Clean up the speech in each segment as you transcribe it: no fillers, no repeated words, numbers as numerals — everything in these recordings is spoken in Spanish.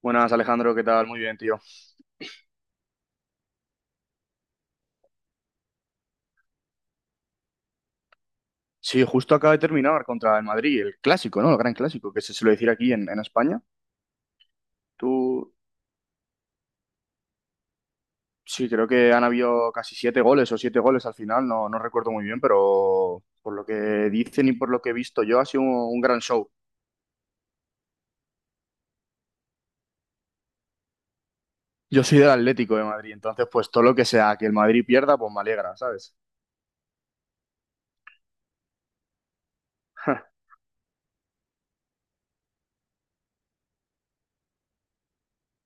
Buenas, Alejandro, ¿qué tal? Muy bien, tío. Sí, justo acaba de terminar contra el Madrid, el clásico, ¿no? El gran clásico, que se suele decir aquí en España. Tú, sí, creo que han habido casi siete goles o siete goles al final, no, no recuerdo muy bien, pero por lo que dicen y por lo que he visto yo, ha sido un gran show. Yo soy del Atlético de Madrid, entonces pues todo lo que sea que el Madrid pierda, pues me alegra, ¿sabes?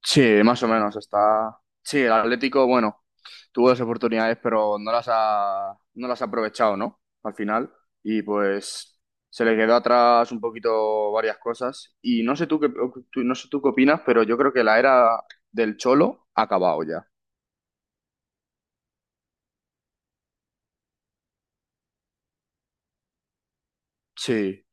Sí, más o menos. Está. Sí, el Atlético, bueno, tuvo dos oportunidades, pero no las ha aprovechado, ¿no? Al final. Y pues se le quedó atrás un poquito varias cosas. Y no sé tú qué, tú- no sé tú qué opinas, pero yo creo que la era del Cholo ha acabado ya. Sí,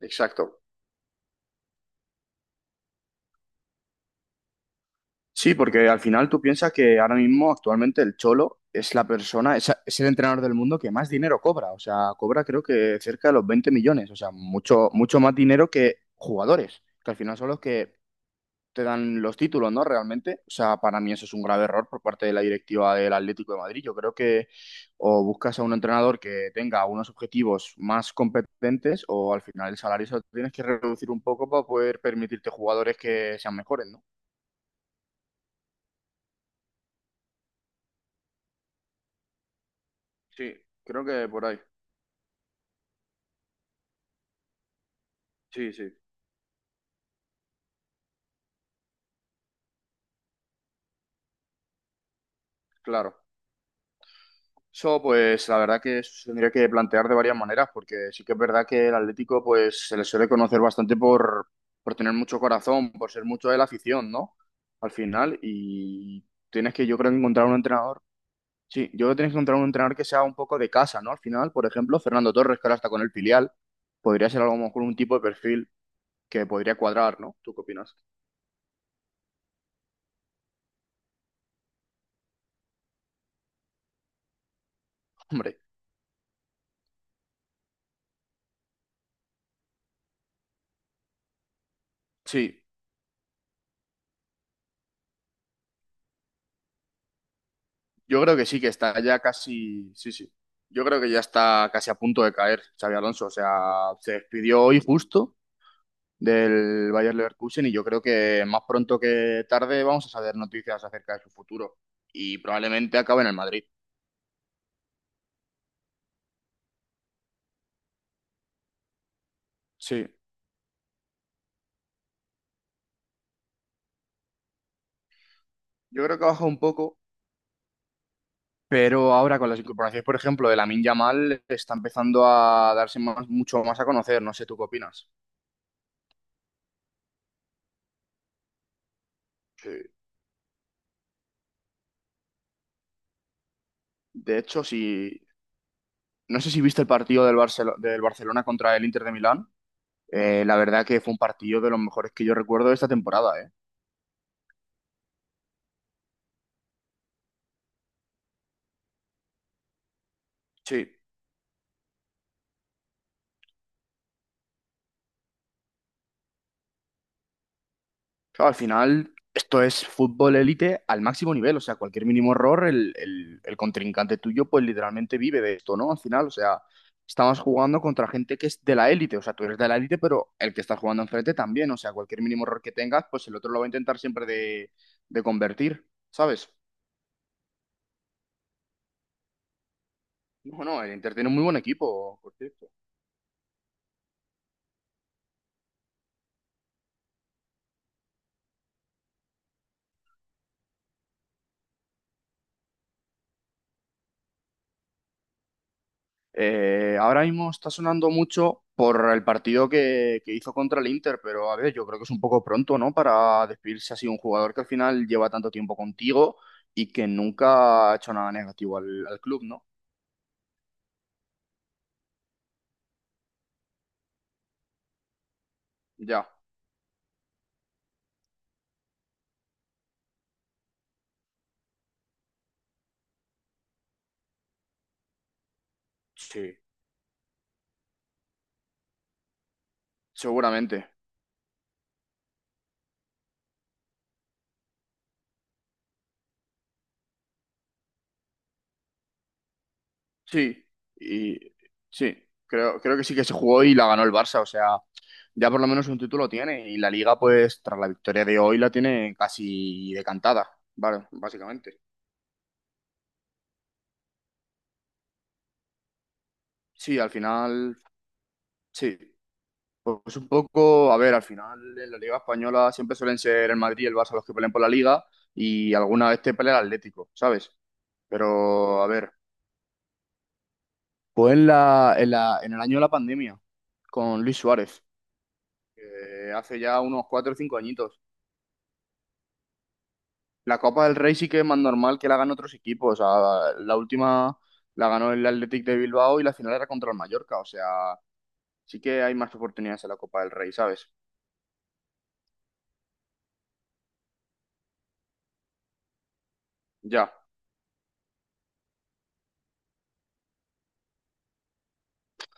exacto. Sí, porque al final tú piensas que ahora mismo, actualmente, el Cholo es la persona, es el entrenador del mundo que más dinero cobra. O sea, cobra creo que cerca de los 20 millones. O sea, mucho, mucho más dinero que jugadores, que al final son los que te dan los títulos, ¿no? Realmente. O sea, para mí eso es un grave error por parte de la directiva del Atlético de Madrid. Yo creo que o buscas a un entrenador que tenga unos objetivos más competentes o al final el salario se lo tienes que reducir un poco para poder permitirte jugadores que sean mejores, ¿no? Sí, creo que por ahí. Sí, sí, claro. Eso, pues, la verdad que se tendría que plantear de varias maneras, porque sí que es verdad que el Atlético, pues, se le suele conocer bastante por tener mucho corazón, por ser mucho de la afición, ¿no? Al final, y tienes que, yo creo, que encontrar un entrenador. Sí, yo creo que tienes que encontrar un entrenador que sea un poco de casa, ¿no? Al final, por ejemplo, Fernando Torres, que ahora está con el filial, podría ser a lo mejor un tipo de perfil que podría cuadrar, ¿no? ¿Tú qué opinas? Hombre, sí. Yo creo que sí, que está ya casi, sí, sí. Yo creo que ya está casi a punto de caer Xabi Alonso. O sea, se despidió hoy justo del Bayer Leverkusen y yo creo que más pronto que tarde vamos a saber noticias acerca de su futuro y probablemente acabe en el Madrid. Sí, yo creo que ha bajado un poco, pero ahora con las incorporaciones, por ejemplo, de Lamine Yamal está empezando a darse más, mucho más a conocer. No sé, ¿tú qué opinas? Sí. De hecho, no sé si viste el partido del del Barcelona contra el Inter de Milán. La verdad que fue un partido de los mejores que yo recuerdo de esta temporada, ¿eh? Sí, claro, al final, esto es fútbol élite al máximo nivel, o sea, cualquier mínimo error, el contrincante tuyo, pues literalmente vive de esto, ¿no? Al final, o sea, estamos jugando contra gente que es de la élite, o sea, tú eres de la élite, pero el que está jugando enfrente también, o sea, cualquier mínimo error que tengas, pues el otro lo va a intentar siempre de convertir, ¿sabes? No, no, el Inter tiene un muy buen equipo, por cierto. Ahora mismo está sonando mucho por el partido que hizo contra el Inter, pero a ver, yo creo que es un poco pronto, ¿no? Para despedirse así de un jugador que al final lleva tanto tiempo contigo y que nunca ha hecho nada negativo al club, ¿no? Ya, sí, seguramente. Sí, y sí, creo que sí que se jugó y la ganó el Barça, o sea, ya por lo menos un título tiene y la Liga, pues, tras la victoria de hoy la tiene casi decantada, ¿vale? Básicamente. Sí, al final, sí. Pues un poco, a ver, al final en la Liga Española siempre suelen ser el Madrid y el Barça los que pelean por la Liga y alguna vez te pelea el Atlético, ¿sabes? Pero, a ver, pues en el año de la pandemia, con Luis Suárez, que hace ya unos cuatro o cinco añitos. La Copa del Rey sí que es más normal que la ganen otros equipos. O sea, la última la ganó el Athletic de Bilbao y la final era contra el Mallorca. O sea, sí que hay más oportunidades en la Copa del Rey, ¿sabes? Ya.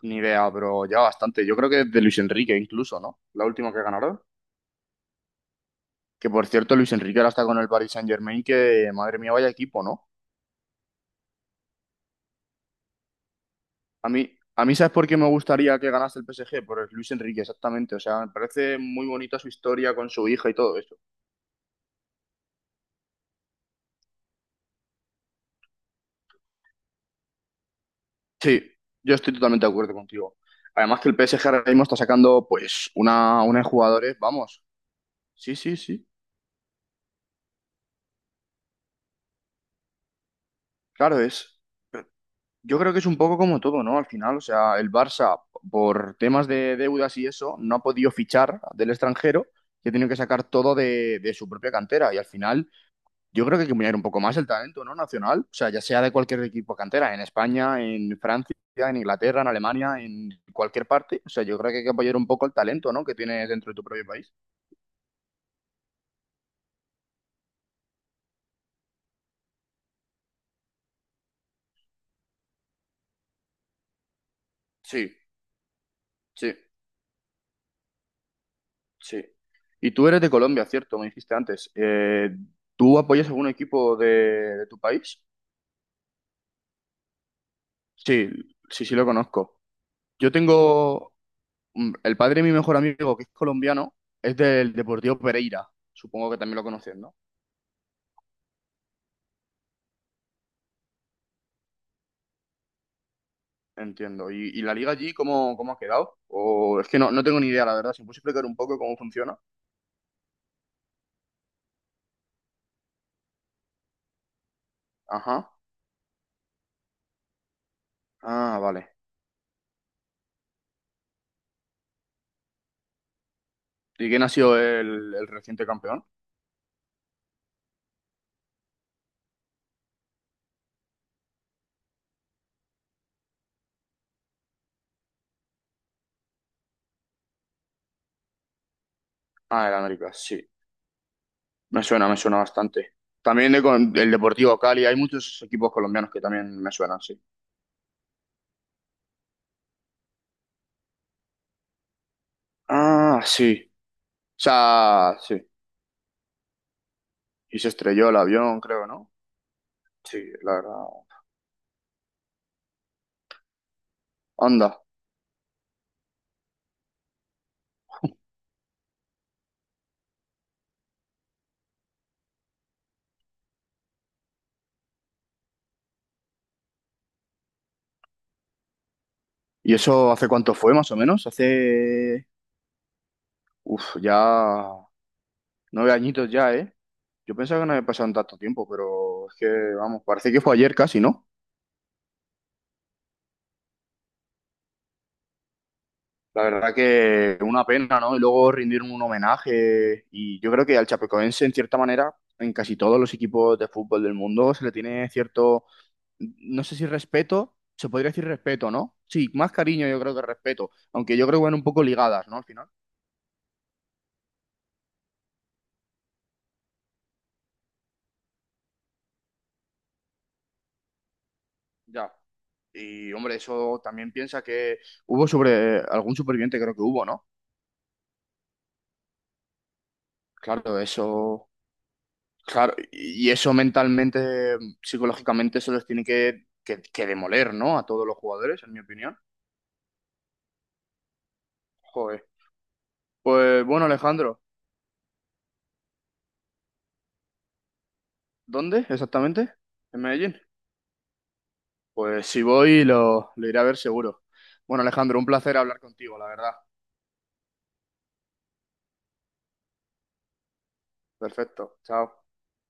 Ni idea, pero ya bastante. Yo creo que de Luis Enrique incluso, ¿no? La última que ganaron. Que por cierto, Luis Enrique ahora está con el Paris Saint-Germain, que madre mía, vaya equipo, ¿no? A mí, a mí, ¿sabes por qué me gustaría que ganase el PSG? Por el Luis Enrique, exactamente. O sea, me parece muy bonita su historia con su hija y todo eso. Sí, yo estoy totalmente de acuerdo contigo. Además que el PSG ahora mismo está sacando, pues, una de jugadores, vamos. Sí, sí, sí. Claro es. Yo creo que es un poco como todo, ¿no? Al final, o sea, el Barça, por temas de deudas y eso, no ha podido fichar del extranjero y ha tenido que sacar todo de su propia cantera. Y al final, yo creo que hay que mirar un poco más el talento, ¿no? Nacional, o sea, ya sea de cualquier equipo cantera, en España, en Francia, en Inglaterra, en Alemania, en cualquier parte. O sea, yo creo que hay que apoyar un poco el talento, ¿no? Que tienes dentro de tu propio país. Sí, sí, sí. Y tú eres de Colombia, ¿cierto? Me dijiste antes. ¿Tú apoyas algún equipo de tu país? Sí, sí, sí lo conozco. Yo tengo el padre de mi mejor amigo, que es colombiano, es del Deportivo Pereira. Supongo que también lo conoces, ¿no? Entiendo. Y la liga allí cómo, cómo ha quedado? O es que no, no tengo ni idea, la verdad. Si me puedes explicar un poco cómo funciona. Ajá. Ah, vale. ¿Y quién ha sido el reciente campeón? Ah, el América, sí. Me suena bastante. También el Deportivo Cali, hay muchos equipos colombianos que también me suenan, sí. Ah, sí. O sea, sí. Y se estrelló el avión, creo, ¿no? Sí, la verdad. Anda. ¿Y eso hace cuánto fue, más o menos? Hace... Uf, ya... Nueve añitos ya, ¿eh? Yo pensaba que no había pasado en tanto tiempo, pero es que, vamos, parece que fue ayer casi, ¿no? La verdad que una pena, ¿no? Y luego rendir un homenaje. Y yo creo que al chapecoense, en cierta manera, en casi todos los equipos de fútbol del mundo se le tiene cierto, no sé si respeto, se podría decir respeto, ¿no? Sí, más cariño yo creo que respeto, aunque yo creo que van un poco ligadas, ¿no? Al final. Ya. Y hombre, eso también piensa que hubo sobre algún superviviente, creo que hubo, ¿no? Claro, eso, claro, y eso mentalmente, psicológicamente, eso los tiene que demoler, ¿no? A todos los jugadores, en mi opinión. Joder. Pues bueno, Alejandro, ¿dónde exactamente? ¿En Medellín? Pues si voy, lo iré a ver seguro. Bueno, Alejandro, un placer hablar contigo, la verdad. Perfecto. Chao.